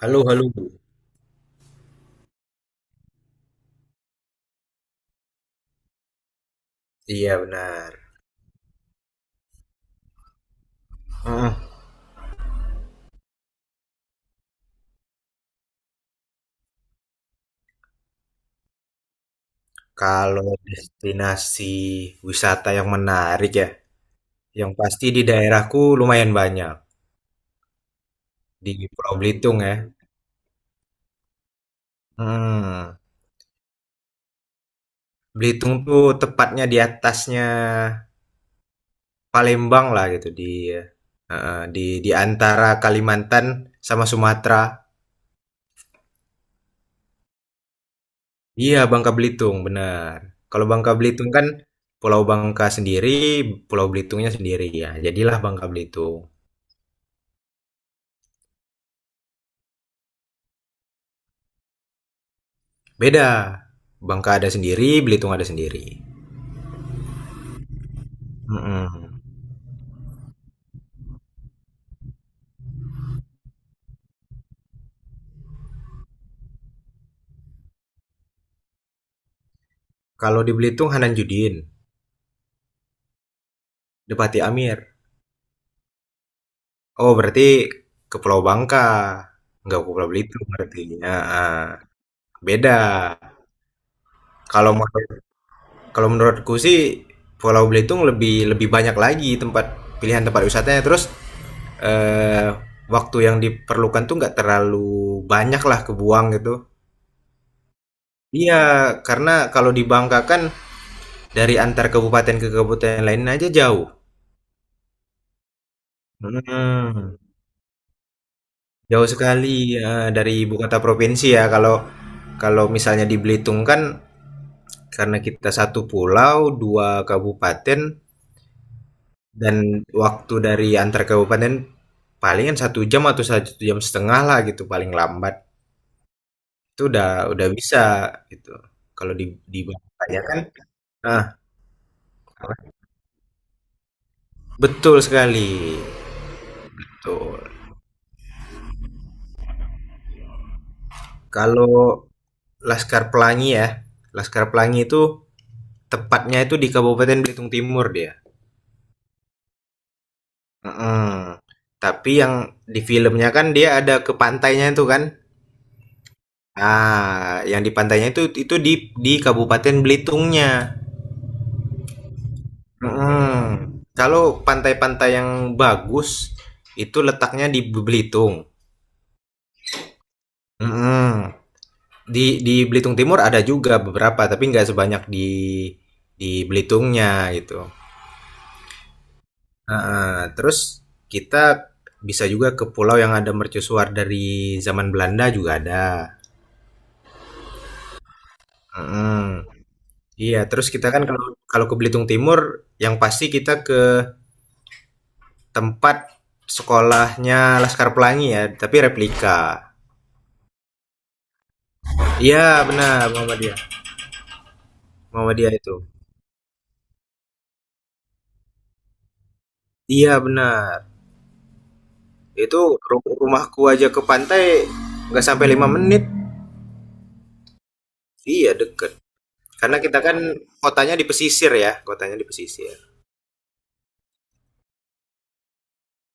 Halo, halo. Iya, benar. Heeh. Kalau destinasi wisata yang menarik ya, yang pasti di daerahku lumayan banyak. Di Pulau Belitung ya. Hmm. Belitung tuh tepatnya di atasnya Palembang lah gitu di eh, di antara Kalimantan sama Sumatera. Iya, Bangka Belitung, benar. Kalau Bangka Belitung kan Pulau Bangka sendiri, Pulau Belitungnya sendiri ya. Jadilah Bangka Belitung. Beda. Bangka ada sendiri, Belitung ada sendiri. Mm-mm. Kalau di Belitung Hanan Judin, Depati Amir. Oh, berarti ke Pulau Bangka. Nggak ke Pulau Belitung berarti. Ya, ah. Beda. Kalau menurut- kalau menurutku sih Pulau Belitung lebih lebih banyak lagi tempat pilihan tempat wisatanya. Terus eh, waktu yang diperlukan tuh nggak terlalu banyak lah kebuang gitu. Iya, karena kalau di Bangka kan dari antar kabupaten ke kabupaten lain aja jauh. Mhm, jauh sekali, ya dari ibu kota provinsi ya, kalau kalau misalnya di Belitung kan karena kita satu pulau, 2 kabupaten, dan waktu dari antar kabupaten palingan 1 jam atau satu jam setengah lah gitu paling lambat, itu udah bisa gitu. Kalau di Bangka ya kan, nah, betul sekali, betul. Kalau Laskar Pelangi ya, Laskar Pelangi itu tepatnya itu di Kabupaten Belitung Timur dia. Mhm. Tapi yang di filmnya kan dia ada ke pantainya itu kan? Ah, yang di pantainya itu di Kabupaten Belitungnya. Mhm. Kalau pantai-pantai yang bagus itu letaknya di Belitung. Mhm. Di Belitung Timur ada juga beberapa tapi nggak sebanyak di Belitungnya gitu. Heeh. Terus kita bisa juga ke pulau yang ada mercusuar dari zaman Belanda juga ada. Mhm. Iya, terus kita kan kalau kalau ke Belitung Timur, yang pasti kita ke tempat sekolahnya Laskar Pelangi ya, tapi replika. Iya, benar, Muhammadiyah. Muhammadiyah itu. Iya, benar. Itu rumahku aja ke pantai nggak sampai 5 menit. Iya, deket. Karena kita kan kotanya di pesisir ya, kotanya di pesisir.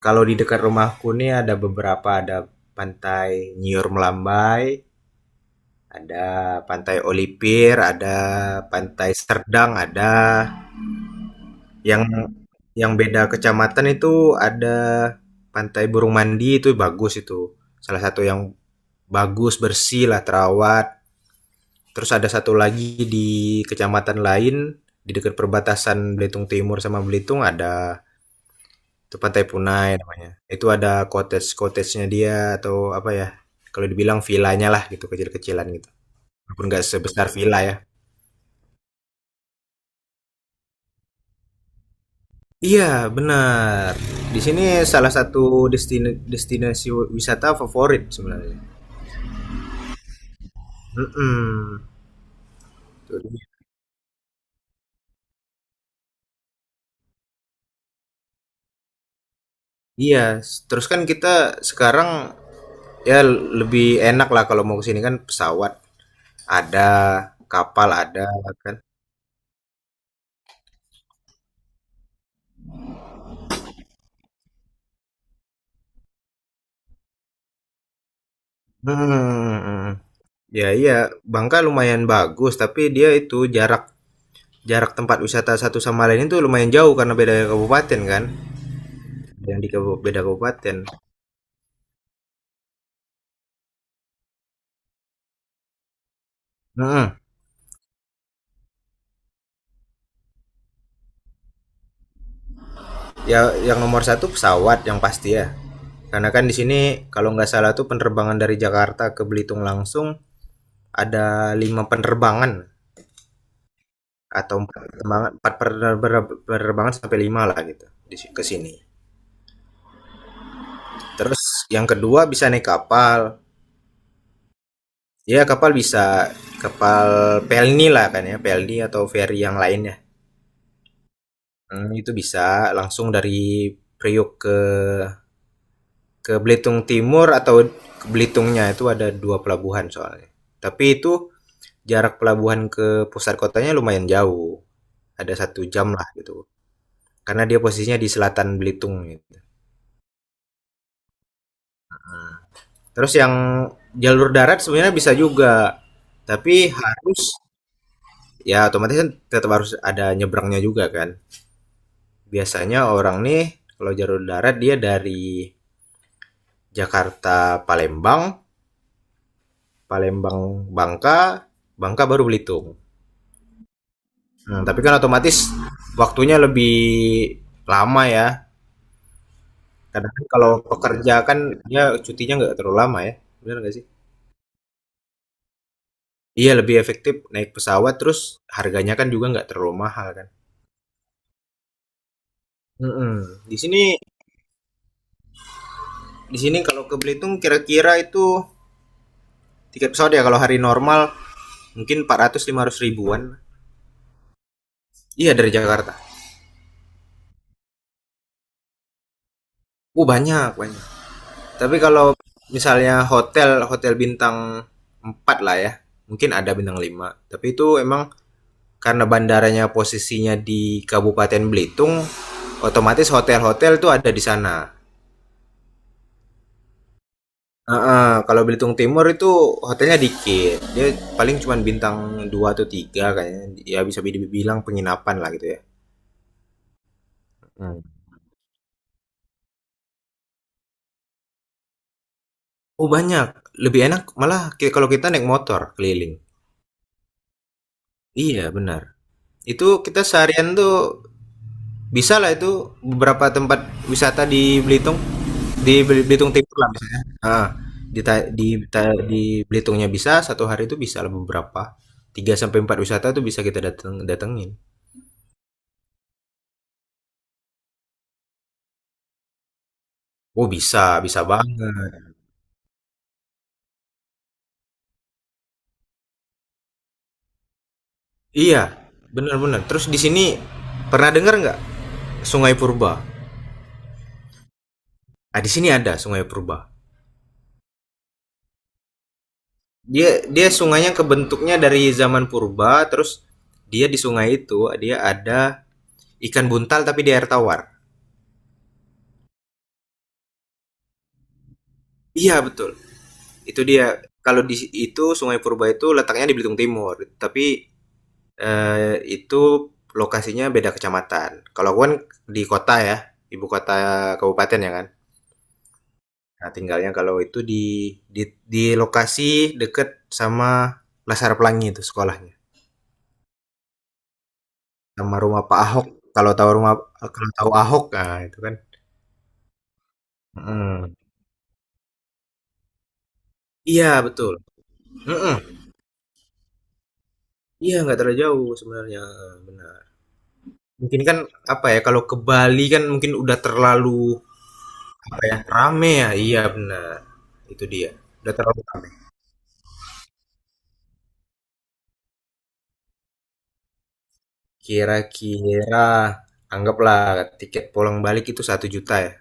Kalau di dekat rumahku nih ada beberapa, ada Pantai Nyiur Melambai, ada Pantai Olipir, ada Pantai Serdang, ada. Yang yang beda kecamatan itu ada Pantai Burung Mandi, itu bagus itu. Salah satu yang bagus, bersih lah, terawat. Terus ada satu lagi di kecamatan lain di dekat perbatasan Belitung Timur sama Belitung, ada itu Pantai Punai namanya. Itu ada cottage-cottagenya dia atau apa ya? Kalau dibilang villanya lah gitu, kecil-kecilan gitu. Walaupun nggak sebesar villa ya. Iya, benar. Di sini salah satu destinasi wisata favorit sebenarnya. Mhm. Itu dia. Iya, terus kan kita sekarang ya lebih enak lah kalau mau ke sini kan pesawat ada, kapal ada kan. Hmm. Ya iya, Bangka lumayan bagus tapi dia itu jarak jarak tempat wisata satu sama lain itu lumayan jauh karena beda kabupaten kan. Yang beda kabupaten. Hmm. Ya, yang nomor satu pesawat yang pasti ya. Karena kan di sini kalau nggak salah tuh penerbangan dari Jakarta ke Belitung langsung ada lima penerbangan atau empat penerbangan, sampai lima lah gitu ke sini. Terus yang kedua bisa naik kapal. Ya kapal, bisa kapal pelni lah kan ya, pelni atau ferry yang lainnya. Hmm, itu bisa langsung dari Priok ke Belitung Timur atau ke Belitungnya, itu ada dua pelabuhan soalnya. Tapi itu jarak pelabuhan ke pusat kotanya lumayan jauh. Ada 1 jam lah gitu. Karena dia posisinya di selatan Belitung gitu. Terus yang jalur darat sebenarnya bisa juga, tapi harus, ya otomatis kan tetap harus ada nyebrangnya juga kan. Biasanya orang nih kalau jalur darat dia dari Jakarta Palembang, Palembang Bangka, Bangka baru Belitung. Hmm, tapi kan otomatis waktunya lebih lama ya. Kadang kan kalau pekerja kan dia cutinya nggak terlalu lama ya, benar nggak sih? Iya, lebih efektif naik pesawat, terus harganya kan juga nggak terlalu mahal kan. Mhm. Di sini kalau ke Belitung kira-kira itu tiket pesawat ya kalau hari normal mungkin 400 500 ribuan. Iya, dari Jakarta. Banyak banyak. Tapi kalau misalnya hotel hotel bintang 4 lah ya. Mungkin ada bintang 5. Tapi itu emang karena bandaranya posisinya di Kabupaten Belitung, otomatis hotel-hotel itu ada di sana. Heeh, kalau Belitung Timur itu hotelnya dikit. Dia paling cuman bintang 2 atau 3 kayaknya. Ya bisa dibilang penginapan lah gitu ya. Hmm. Oh banyak, lebih enak malah kalau kita naik motor keliling. Iya benar. Itu kita seharian tuh bisa lah itu beberapa tempat wisata di Belitung. Di Belitung Timur lah misalnya. Di, ta- di, di Belitungnya bisa, satu hari itu bisa lah beberapa. Tiga sampai 4 wisata tuh bisa kita dateng, datengin. Oh bisa, bisa banget. Iya, benar-benar. Terus di sini pernah dengar nggak Sungai Purba? Nah, di sini ada Sungai Purba. Dia dia sungainya kebentuknya dari zaman purba, terus dia di sungai itu dia ada ikan buntal tapi di air tawar. Iya, betul. Itu dia. Kalau di itu Sungai Purba itu letaknya di Belitung Timur, tapi itu lokasinya beda kecamatan. Kalau aku kan di kota ya, ibu kota kabupaten ya kan. Nah, tinggalnya kalau itu di di lokasi deket sama Laskar Pelangi itu sekolahnya, sama rumah Pak Ahok. Kalau tahu rumah kalau tahu Ahok, nah itu kan. Mhm. Iya, betul. Mhm. Iya, nggak terlalu jauh sebenarnya, benar. Mungkin kan, apa ya, kalau ke Bali kan mungkin udah terlalu, apa ya, rame ya, iya benar, itu dia, udah terlalu rame. Kira-kira anggaplah tiket pulang balik itu 1 juta ya.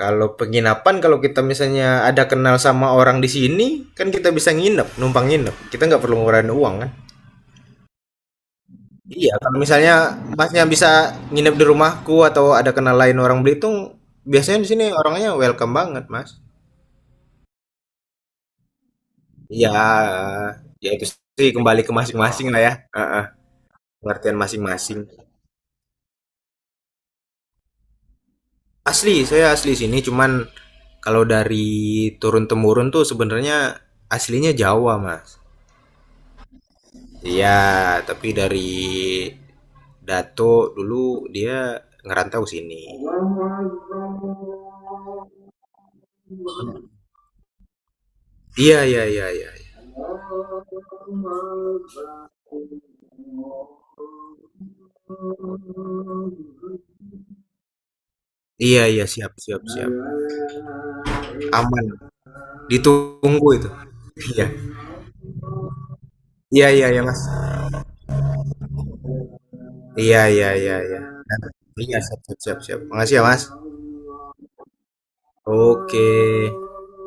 Kalau penginapan, kalau kita misalnya ada kenal sama orang di sini kan kita bisa nginep, numpang nginep, kita nggak perlu ngeluarin uang kan. Iya, kalau misalnya masnya bisa nginep di rumahku atau ada kenal lain orang Belitung, biasanya di sini orangnya welcome banget, mas. Iya, ya itu sih kembali ke masing-masing lah ya. Heeh, pengertian masing-masing. Asli, saya asli sini, cuman kalau dari turun temurun tuh sebenarnya aslinya Jawa, mas. Iya, tapi dari Dato dulu dia ngerantau sini. Iya, iya, iya, iya. Iya, iya, siap, siap, siap. Aman. Ditunggu itu. Iya. Iya, iya, iya, Mas. Iya, iya, iya, iya. Iya, siap, siap, siap. Siap. Makasih ya, Mas. Oke.